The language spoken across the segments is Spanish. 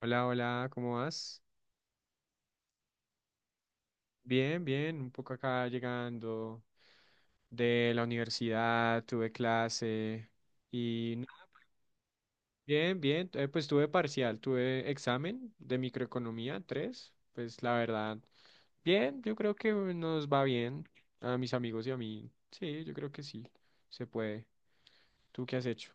Hola, hola, ¿cómo vas? Bien, bien, un poco acá llegando de la universidad, tuve clase y nada, bien, bien, pues tuve parcial, tuve examen de microeconomía tres, pues la verdad, bien, yo creo que nos va bien a mis amigos y a mí, sí, yo creo que sí, se puede. ¿Tú qué has hecho?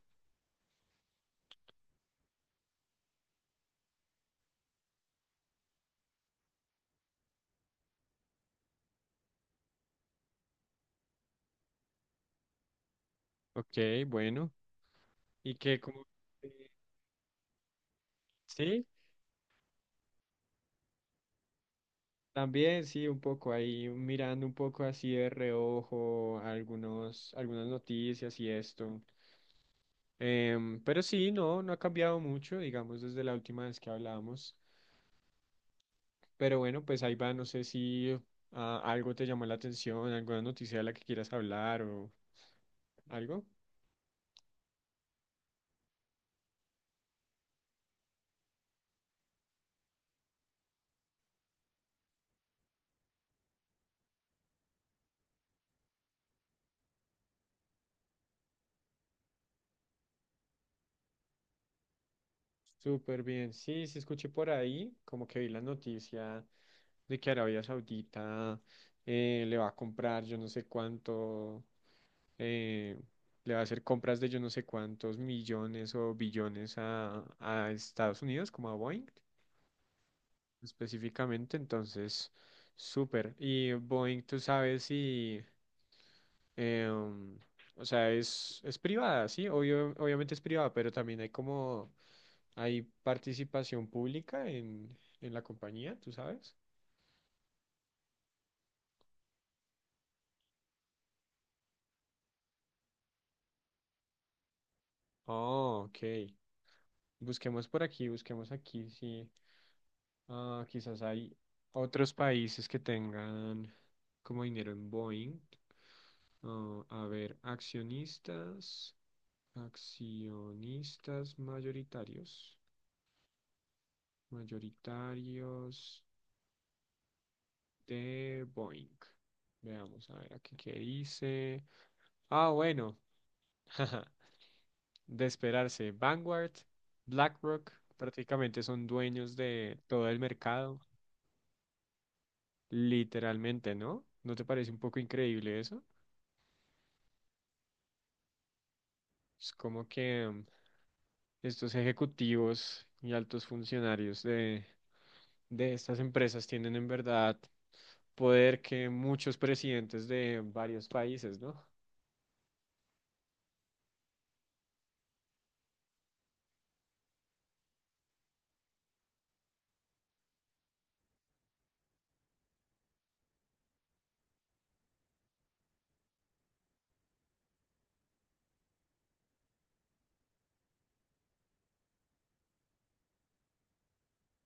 Ok, bueno, ¿y qué, cómo, eh, sí, también sí, un poco ahí mirando un poco así de reojo algunos, algunas noticias y esto. Pero sí, no, no ha cambiado mucho, digamos, desde la última vez que hablamos. Pero bueno, pues ahí va, no sé si algo te llamó la atención, alguna noticia de la que quieras hablar o algo. Súper bien, sí, sí escuché por ahí, como que vi la noticia de que Arabia Saudita le va a comprar yo no sé cuánto. eh, Le va a hacer compras de yo no sé cuántos millones o billones a Estados Unidos, como a Boeing específicamente. Entonces, súper. Y Boeing, tú sabes si, em, o sea, es privada, sí, obviamente es privada, pero también hay como, hay participación pública en la compañía, tú sabes. Oh, ok. Busquemos por aquí, busquemos aquí, sí. Ah, quizás hay otros países que tengan como dinero en Boeing. Ah, a ver, accionistas, accionistas mayoritarios, mayoritarios de Boeing. Veamos, a ver, aquí qué dice. Ah, bueno, de esperarse. Vanguard, BlackRock, prácticamente son dueños de todo el mercado, literalmente, ¿no? ¿No te parece un poco increíble eso? Es como que estos ejecutivos y altos funcionarios de estas empresas tienen en verdad poder que muchos presidentes de varios países, ¿no?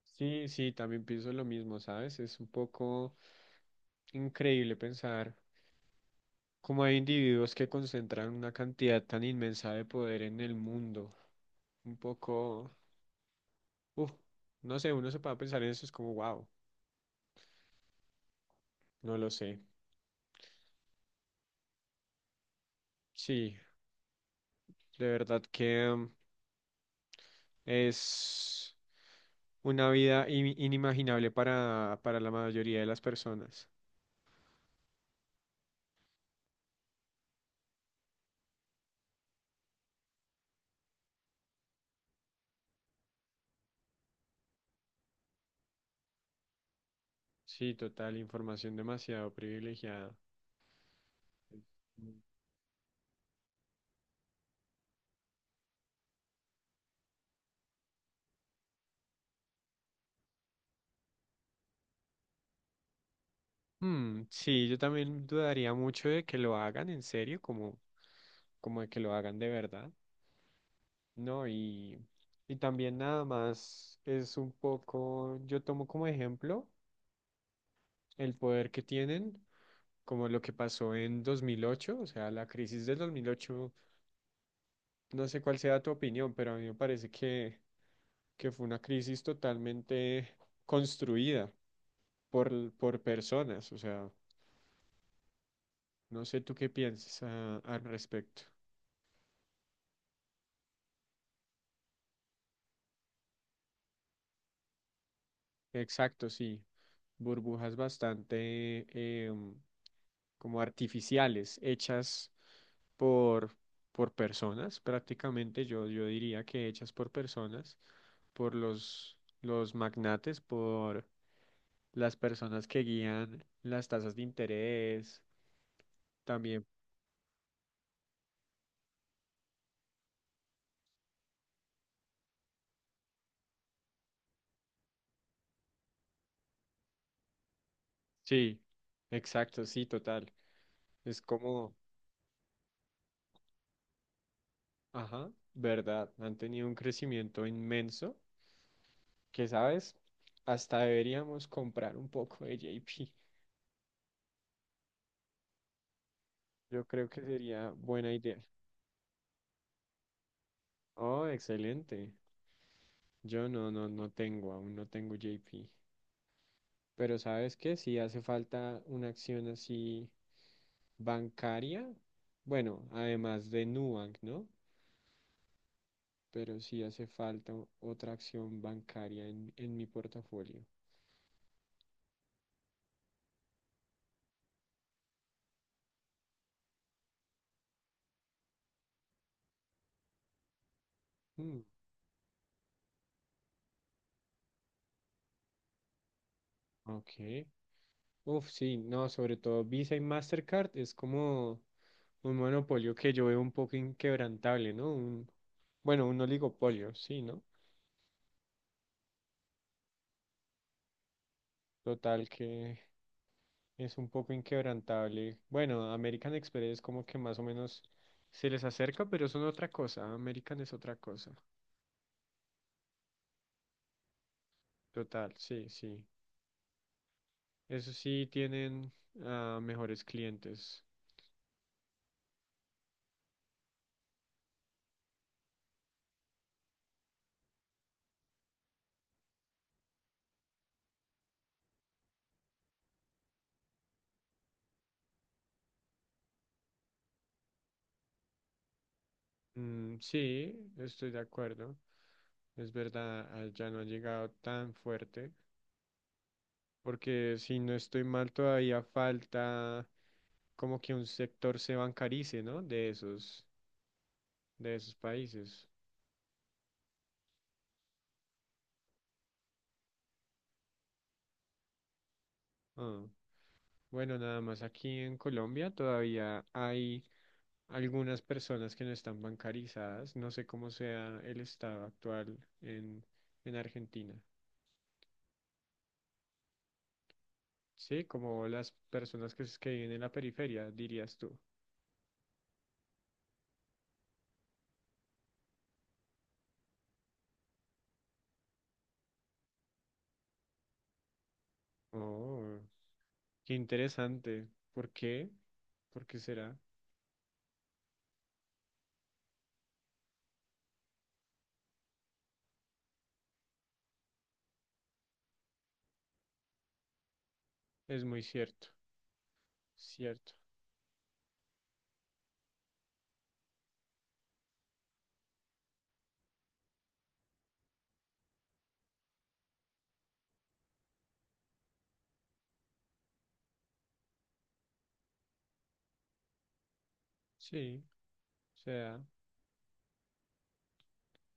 Sí, sí, también pienso lo mismo, ¿sabes? Es un poco increíble pensar cómo hay individuos que concentran una cantidad tan inmensa de poder en el mundo. Un poco, uff, no sé, uno se puede pensar en eso, es como, wow, no lo sé. Sí, de verdad que... Es una vida inimaginable para la mayoría de las personas. Sí, total, información demasiado privilegiada. Hmm, sí, yo también dudaría mucho de que lo hagan en serio, como, de que lo hagan de verdad, ¿no? Y también nada más es un poco, yo tomo como ejemplo el poder que tienen, como lo que pasó en 2008, o sea, la crisis del 2008. No sé cuál sea tu opinión, pero a mí me parece que fue una crisis totalmente construida por personas. O sea, no sé tú qué piensas al respecto. Exacto, sí. Burbujas bastante em, como artificiales, hechas por, por personas, prácticamente yo diría que hechas por personas, por los magnates, por las personas que guían las tasas de interés, también. Sí, exacto, sí, total. Es como, ajá, verdad, han tenido un crecimiento inmenso que, ¿sabes? Hasta deberíamos comprar un poco de JP. Yo creo que sería buena idea. Oh, excelente. Yo no, no, no tengo, aún no tengo JP. Pero ¿sabes qué? Si hace falta una acción así bancaria, bueno, además de Nubank, ¿no? Pero sí hace falta otra acción bancaria en mi portafolio. Mm, ok. Uf, sí, no, sobre todo Visa y Mastercard es como un monopolio que yo veo un poco inquebrantable, ¿no? Un, bueno, un oligopolio, sí, ¿no? Total que es un poco inquebrantable. Bueno, American Express como que más o menos se les acerca, pero son otra cosa. American es otra cosa. Total, sí, sí. Eso sí tienen mejores clientes. Mm, sí, estoy de acuerdo. Es verdad, ya no ha llegado tan fuerte, porque si no estoy mal, todavía falta como que un sector se bancarice, ¿no? De esos países. Ah, bueno, nada más aquí en Colombia todavía hay algunas personas que no están bancarizadas. No sé cómo sea el estado actual en Argentina. Sí, como las personas que, que viven en la periferia, dirías tú. Oh. Qué interesante. ¿Por qué? ¿Por qué será? Es muy cierto, cierto. Sí, o sea,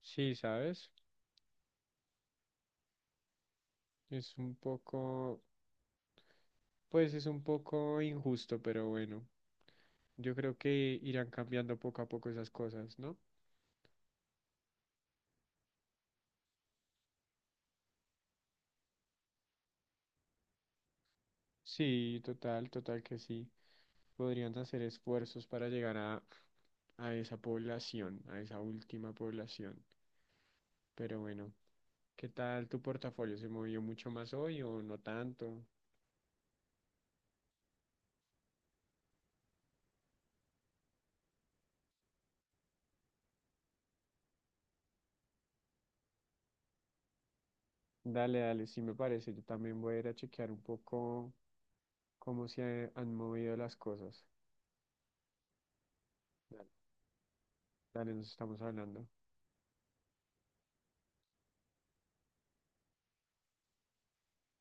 sí, ¿sabes? Es un poco, pues es un poco injusto, pero bueno, yo creo que irán cambiando poco a poco esas cosas, ¿no? Sí, total, total que sí. Podrían hacer esfuerzos para llegar a esa población, a esa última población. Pero bueno, ¿qué tal tu portafolio? ¿Se movió mucho más hoy o no tanto? Dale, dale, sí me parece. Yo también voy a ir a chequear un poco cómo se han movido las cosas. Dale, dale, nos estamos hablando.